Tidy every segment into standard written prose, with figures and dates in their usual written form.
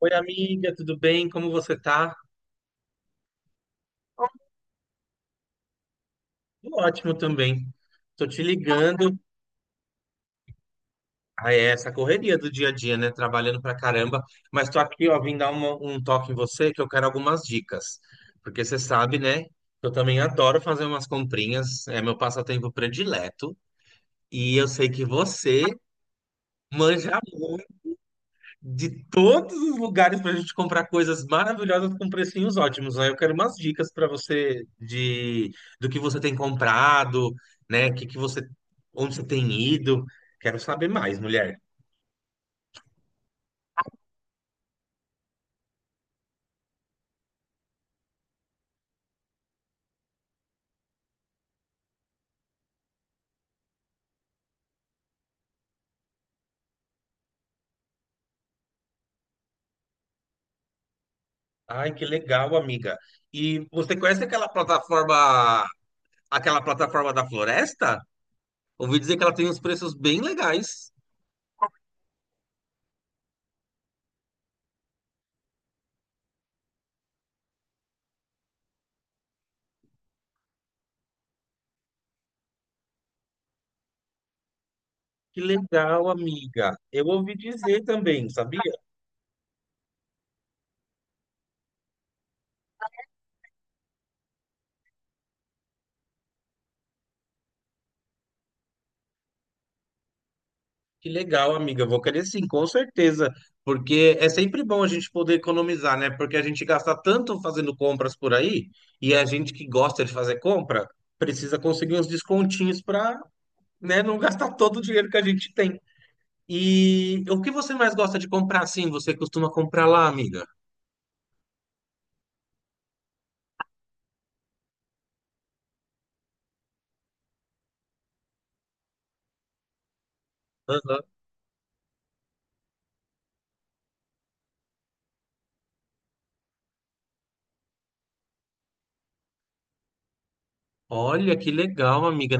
Oi, amiga, tudo bem? Como você tá? Tô ótimo também. Tô te ligando. Ah, é essa correria do dia a dia, né? Trabalhando pra caramba. Mas tô aqui, ó, vim dar um toque em você que eu quero algumas dicas. Porque você sabe, né? Eu também adoro fazer umas comprinhas. É meu passatempo predileto. E eu sei que você manja de todos os lugares para a gente comprar coisas maravilhosas com precinhos ótimos. Aí eu quero umas dicas para você de do que você tem comprado, né? Onde você tem ido. Quero saber mais, mulher. Ai, que legal, amiga. E você conhece aquela plataforma da Floresta? Ouvi dizer que ela tem uns preços bem legais. Que legal, amiga. Eu ouvi dizer também, sabia? Que legal, amiga. Eu vou querer sim, com certeza. Porque é sempre bom a gente poder economizar, né? Porque a gente gasta tanto fazendo compras por aí, e a gente que gosta de fazer compra precisa conseguir uns descontinhos para, né, não gastar todo o dinheiro que a gente tem. E o que você mais gosta de comprar assim? Você costuma comprar lá, amiga? Aham. Olha, que legal, amiga.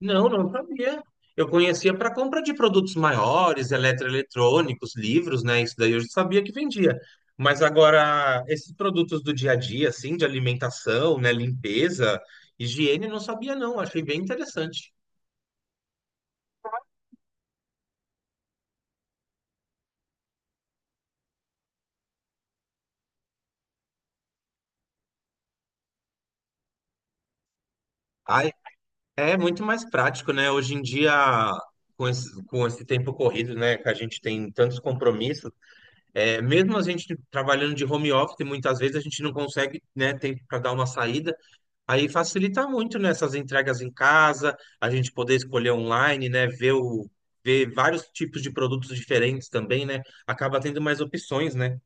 Não, não sabia. Eu conhecia para compra de produtos maiores, eletroeletrônicos, livros, né? Isso daí eu já sabia que vendia. Mas agora, esses produtos do dia a dia, assim, de alimentação, né? Limpeza, higiene, não sabia, não. Achei bem interessante. Ai, é muito mais prático, né? Hoje em dia, com esse tempo corrido, né? Que a gente tem tantos compromissos, é, mesmo a gente trabalhando de home office, muitas vezes a gente não consegue, né? Tempo para dar uma saída. Aí facilita muito nessas entregas em casa, a gente poder escolher online, né? Ver vários tipos de produtos diferentes também, né? Acaba tendo mais opções, né?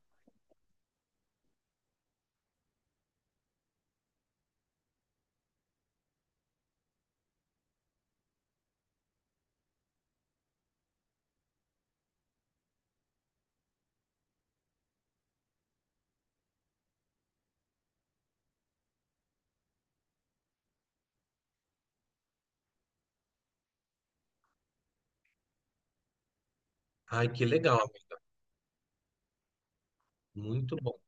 Ai, que legal, amigo. Muito bom.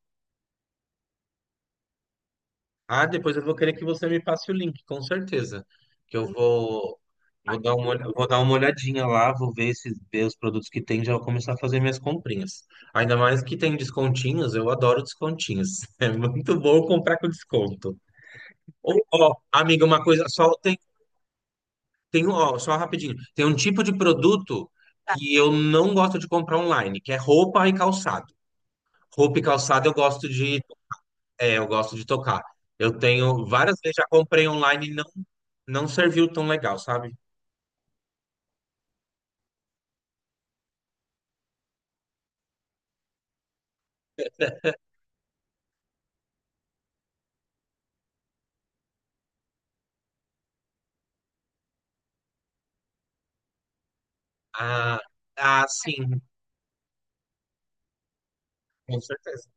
Ah, depois eu vou querer que você me passe o link, com certeza. Que eu vou dar uma olhadinha lá, vou ver os produtos que tem, já vou começar a fazer minhas comprinhas. Ainda mais que tem descontinhos, eu adoro descontinhos. É muito bom comprar com desconto. Ô, ó, amiga, uma coisa só, ó, só rapidinho. Tem um tipo de produto. Tá. Que eu não gosto de comprar online, que é roupa e calçado. Roupa e calçado eu gosto de tocar. Eu tenho várias vezes já comprei online e não serviu tão legal, sabe? Ah, ah, sim, com certeza.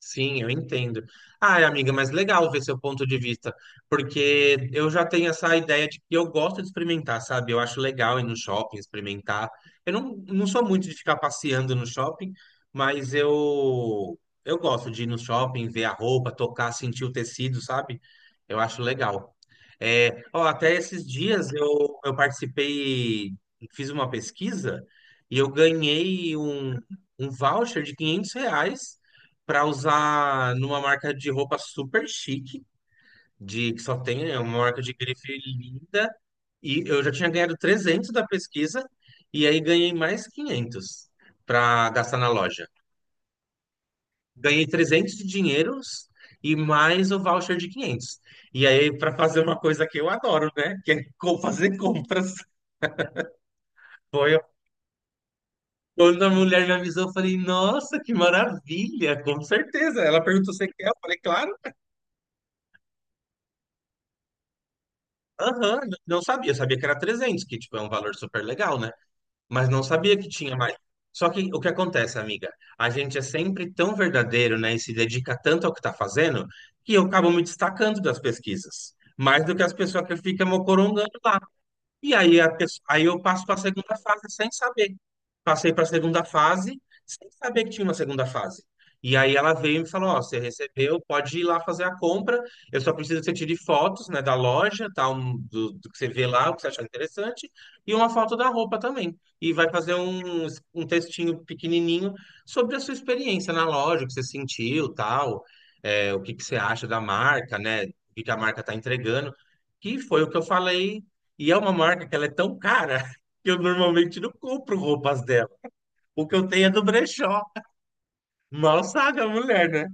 Sim, eu entendo. Ai, amiga, mas legal ver seu ponto de vista, porque eu já tenho essa ideia de que eu gosto de experimentar, sabe? Eu acho legal ir no shopping, experimentar. Eu não sou muito de ficar passeando no shopping, mas eu gosto de ir no shopping, ver a roupa, tocar, sentir o tecido, sabe? Eu acho legal. É, ó, até esses dias eu participei, fiz uma pesquisa e eu ganhei um voucher de 500 reais para usar numa marca de roupa super chique, de que só tem é uma marca de grife linda, e eu já tinha ganhado 300 da pesquisa, e aí ganhei mais 500 para gastar na loja. Ganhei 300 de dinheiros e mais o voucher de 500. E aí, para fazer uma coisa que eu adoro, né? Que é fazer compras. Foi quando a mulher me avisou, eu falei, nossa, que maravilha, com certeza. Ela perguntou, você quer? Eu falei, claro. Aham, não sabia. Eu sabia que era 300, que tipo, é um valor super legal, né? Mas não sabia que tinha mais. Só que o que acontece, amiga? A gente é sempre tão verdadeiro, né? E se dedica tanto ao que tá fazendo, que eu acabo me destacando das pesquisas. Mais do que as pessoas que ficam mocorongando. E aí, aí eu passo para a segunda fase sem saber. Passei para a segunda fase sem saber que tinha uma segunda fase. E aí ela veio e me falou, ó, você recebeu, pode ir lá fazer a compra. Eu só preciso que você tire fotos, né, da loja, tal, do que você vê lá, o que você achar interessante, e uma foto da roupa também. E vai fazer um textinho pequenininho sobre a sua experiência na loja, o que você sentiu, tal, é, o que que você acha da marca, né, o que que a marca está entregando, que foi o que eu falei, e é uma marca que ela é tão cara que eu normalmente não compro roupas dela. O que eu tenho é do brechó. Mal sabe a mulher, né?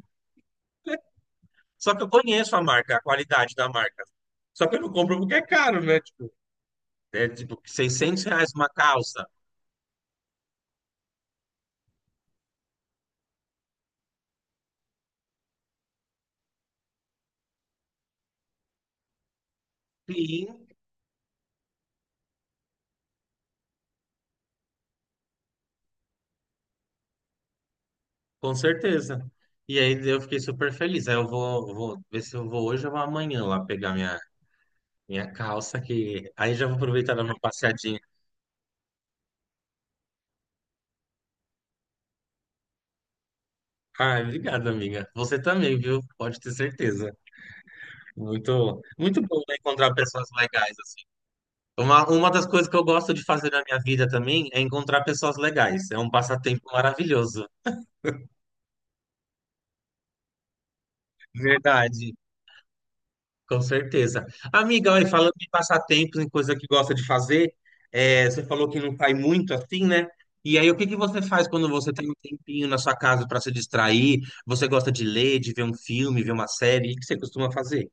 Só que eu conheço a marca, a qualidade da marca. Só que eu não compro porque é caro, né? Tipo, é tipo R$ 600 uma calça. Sim, com certeza. E aí eu fiquei super feliz. Aí eu vou ver se eu vou hoje ou amanhã lá pegar minha calça, que aí já vou aproveitar e dar uma passeadinha. Ah, obrigado, amiga. Você também, viu? Pode ter certeza. Muito, muito bom, né, encontrar pessoas legais, assim. Uma das coisas que eu gosto de fazer na minha vida também é encontrar pessoas legais. É um passatempo maravilhoso. Verdade, com certeza. Amiga, olha, falando de passatempos, em coisa que gosta de fazer, é, você falou que não sai muito assim, né? E aí, o que que você faz quando você tem um tempinho na sua casa para se distrair? Você gosta de ler, de ver um filme, ver uma série? O que você costuma fazer?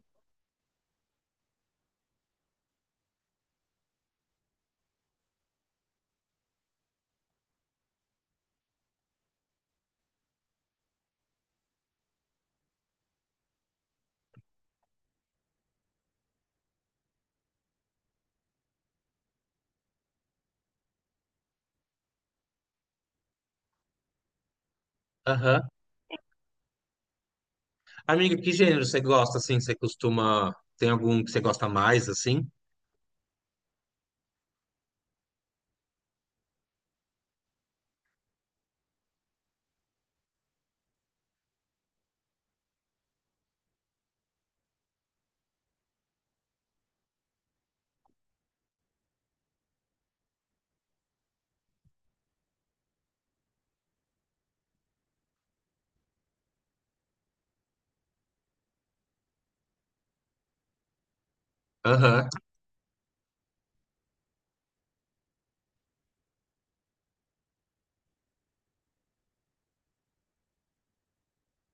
Aham. Amiga, que gênero você gosta, assim? Você costuma... Tem algum que você gosta mais, assim? Aham,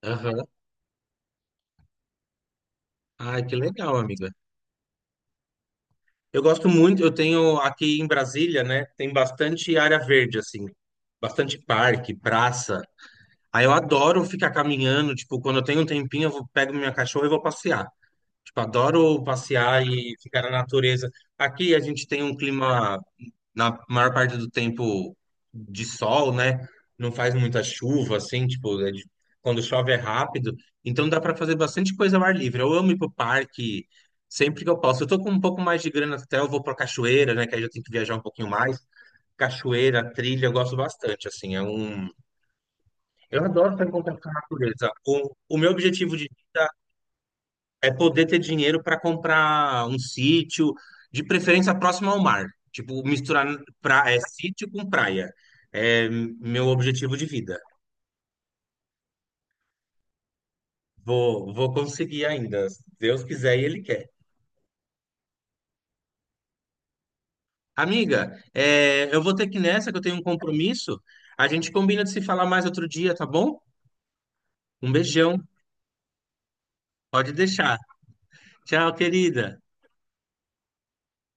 aham. Ai, que legal, amiga. Eu gosto muito, eu tenho aqui em Brasília, né? Tem bastante área verde, assim, bastante parque, praça. Aí eu adoro ficar caminhando, tipo, quando eu tenho um tempinho, pego minha cachorra e vou passear. Tipo, adoro passear e ficar na natureza. Aqui a gente tem um clima, na maior parte do tempo, de sol, né? Não faz muita chuva, assim, tipo, é quando chove é rápido. Então dá para fazer bastante coisa ao ar livre. Eu amo ir pro parque sempre que eu posso. Eu tô com um pouco mais de grana até, eu vou pra cachoeira, né? Que aí eu tenho que viajar um pouquinho mais. Cachoeira, trilha, eu gosto bastante, assim. É um... Eu adoro estar em contato com a natureza. O meu objetivo de é poder ter dinheiro para comprar um sítio, de preferência próximo ao mar. Tipo, misturar pra, é, sítio com praia. É meu objetivo de vida. Vou conseguir ainda. Se Deus quiser e Ele quer. Amiga, é, eu vou ter que ir nessa, que eu tenho um compromisso. A gente combina de se falar mais outro dia, tá bom? Um beijão. Pode deixar. Tchau, querida.